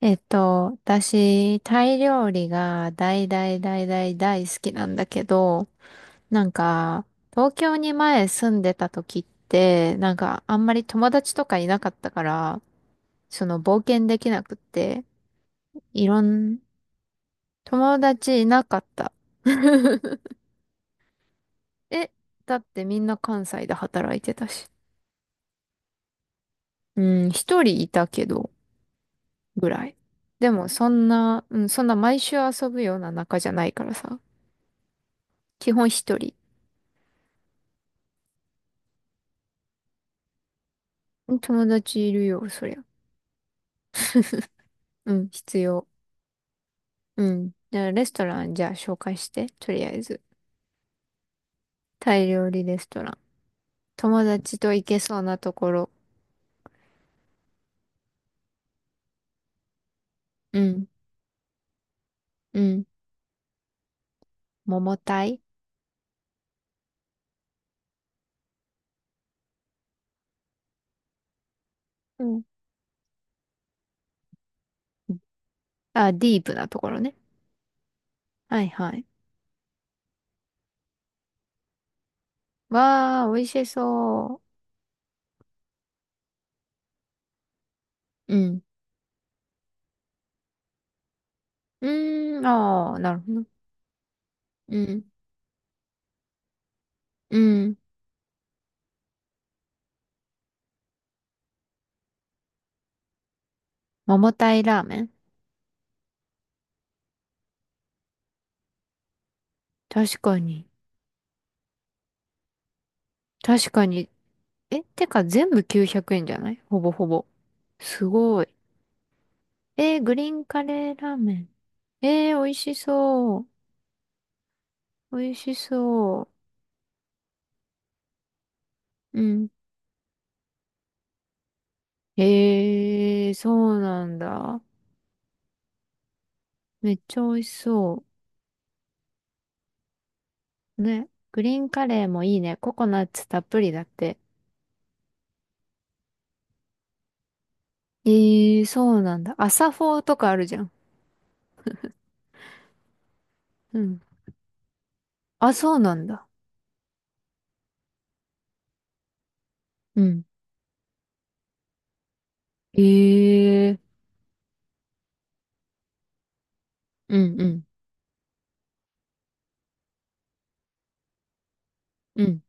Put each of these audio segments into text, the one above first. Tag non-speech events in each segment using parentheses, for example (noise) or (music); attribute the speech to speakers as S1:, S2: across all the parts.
S1: 私、タイ料理が大大大大大好きなんだけど、なんか、東京に前住んでた時って、なんか、あんまり友達とかいなかったから、その冒険できなくって、いろん、友達いなかった。(laughs) え、だってみんな関西で働いてたし。うん、一人いたけど、ぐらい。でも、そんな毎週遊ぶような仲じゃないからさ、基本一人。友達いるよ、そりゃ。うん、必要。うん。じゃあ、レストラン、じゃあ、紹介して。とりあえず。タイ料理レストラン。友達と行けそうなところ。うん、うん。桃タイ、うん。あ、ディープなところね。はいはい。わー、美味しそう。うん。うーん、あー、なるほど。うん、うん。桃タイラーメン、確かに。確かに。え、てか全部900円じゃない？ほぼほぼ。すごい。グリーンカレーラーメン。美味しそう。美味しそう。うん。そうなんだ。めっちゃ美味しそう。ね。グリーンカレーもいいね。ココナッツたっぷりだって。えそうなんだ。朝フォーとかあるじゃん。うん。あ、そうなんだ。うん。えー、うんうん。うん。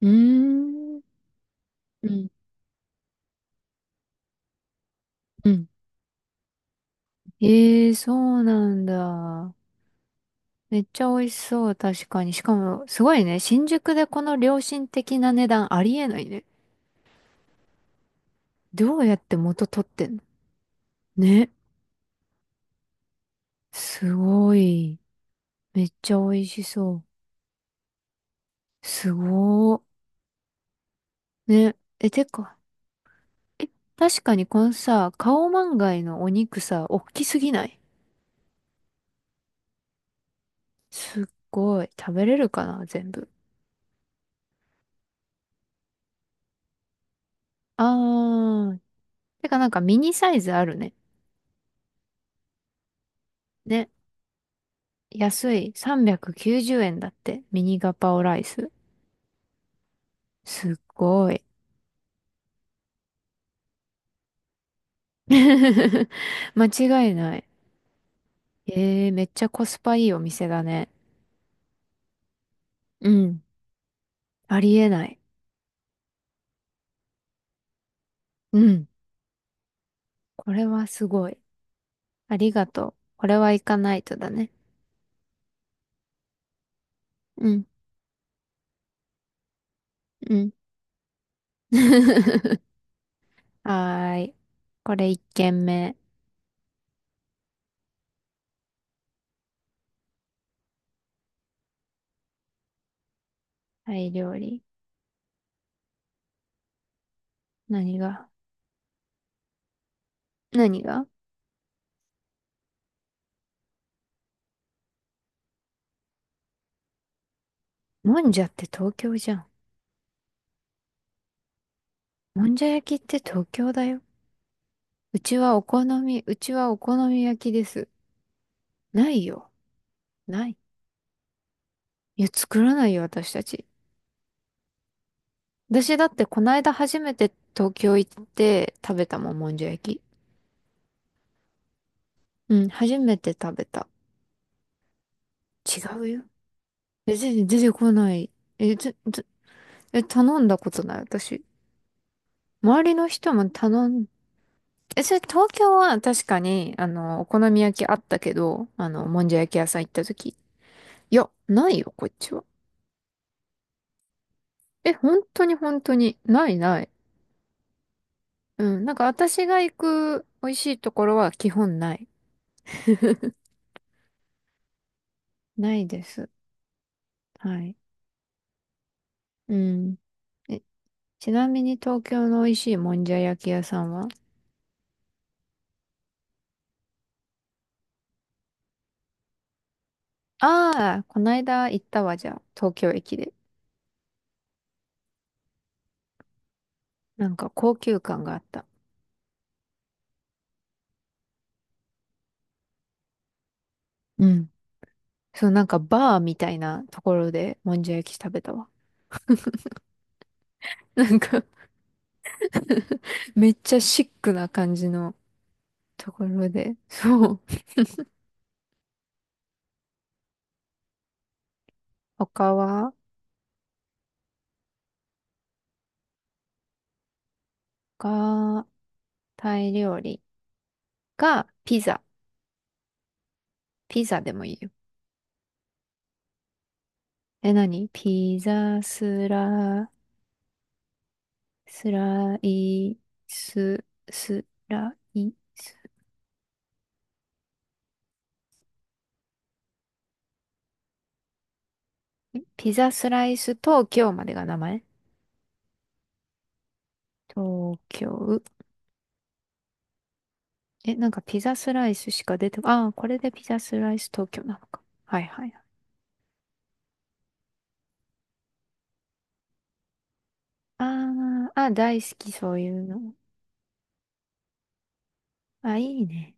S1: うーん。うん。うん。そうなんだ。めっちゃ美味しそう、確かに。しかも、すごいね。新宿でこの良心的な値段ありえないね。どうやって元取ってんの？ね。すごい。めっちゃ美味しそう。すごー。ね。え、てか、え、確かにこのさ、カオマンガイのお肉さ、おっきすぎない？すっごい。食べれるかな、全部。あー。てかなんかミニサイズあるね。ね。安い。390円だって。ミニガパオライス。すっごい。(laughs) 間違いない。めっちゃコスパいいお店だね。うん。ありえない。うん。これはすごい。ありがとう。これは行かないとだね。うん。うん。(laughs) はーい。これ一軒目。タイ料理。何が？何が？もんじゃって東京じゃん。もんじゃ焼きって東京だよ。うちはお好み焼きです。ないよ。ない。いや、作らないよ、私たち。私だってこの間初めて東京行って食べたもん、もんじゃ焼き。うん、初めて食べた。違うよ。え、全然出てこない。え、ず、ず、え、頼んだことない、私。周りの人も頼ん、え、それ東京は確かに、お好み焼きあったけど、もんじゃ焼き屋さん行った時。いや、ないよ、こっちは。え、本当に本当に。ないない。うん、なんか私が行く美味しいところは基本ない。ないです。はい。うん。えちなみに東京の美味しいもんじゃ焼き屋さんは？ああー、こないだ行ったわ、じゃあ、東京駅で。なんか高級感があった。うん。そう、なんかバーみたいなところでもんじゃ焼き食べたわ。(laughs) なんか (laughs) めっちゃシックな感じのところで。そう。他は、が、タイ料理かピザ。ピザでもいいよ。え、何ピザスラ、スライス、スライス。ピザスライス東京までが名前？東京。え、なんかピザスライスしか出てこ、ああ、これでピザスライス東京なのか。はいはいはい。あーあ、大好きそういうの。あ、いいね。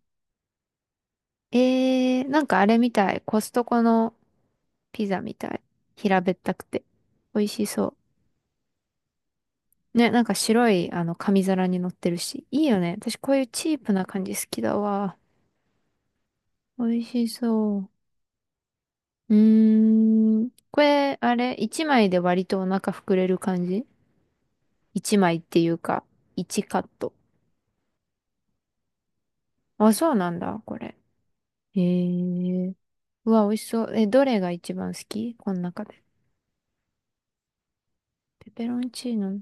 S1: なんかあれみたい。コストコのピザみたい。平べったくて。美味しそう。ね、なんか白い、紙皿に乗ってるし。いいよね。私こういうチープな感じ好きだわ。美味しそう。うーん。これ、あれ、一枚で割とお腹膨れる感じ？一枚っていうか、一カット。あ、そうなんだ、これ。へえ。うわ、美味しそう。え、どれが一番好きこの中で？ペペロンチーノ。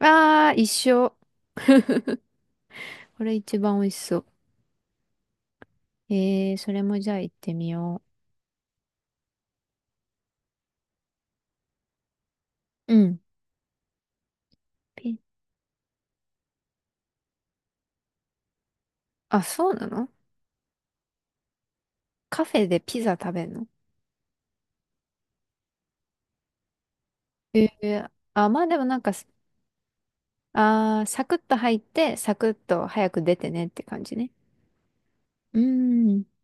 S1: あー、一緒。これ一番美味しそう。それもじゃあ行ってみよう。うん。ピ、あ、そうなの？カフェでピザ食べるの？あ、まあでもなんか、あー、サクッと入って、サクッと早く出てねって感じね。うーん。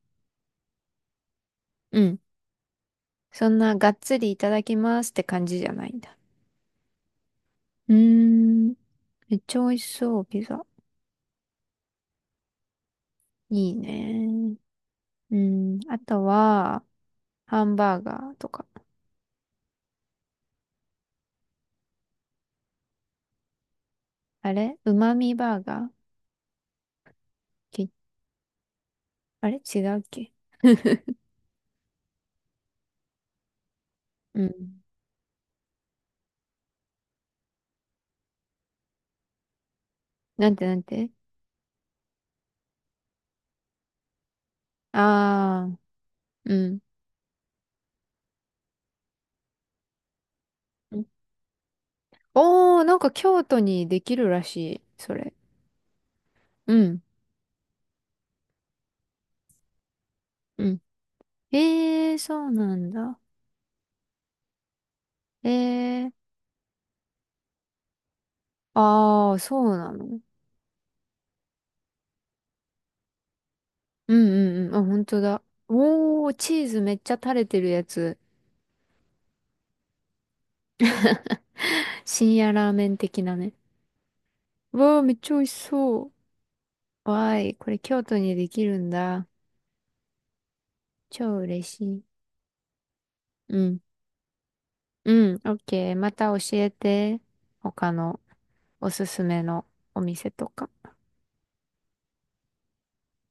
S1: うん。そんながっつりいただきますって感じじゃないんだ。うーん。めっちゃ美味しそう、ピザ。いいね。うん。あとは、ハンバーガーとか。あれうまみバーガー？けあれ違うっけ？うん。なんて？なんて？ああー、うん。うん、おー、なんか京都にできるらしい、それ。うん。うん。そうなんだ。えー、ああ、そうなの？うんうんうん。あ、本当だ。おー、チーズめっちゃ垂れてるやつ。(laughs) 深夜ラーメン的なね。わー、めっちゃ美味しそう。わーい、これ京都にできるんだ。超嬉しい。うん。うん、オッケー。また教えて。他のおすすめのお店とか。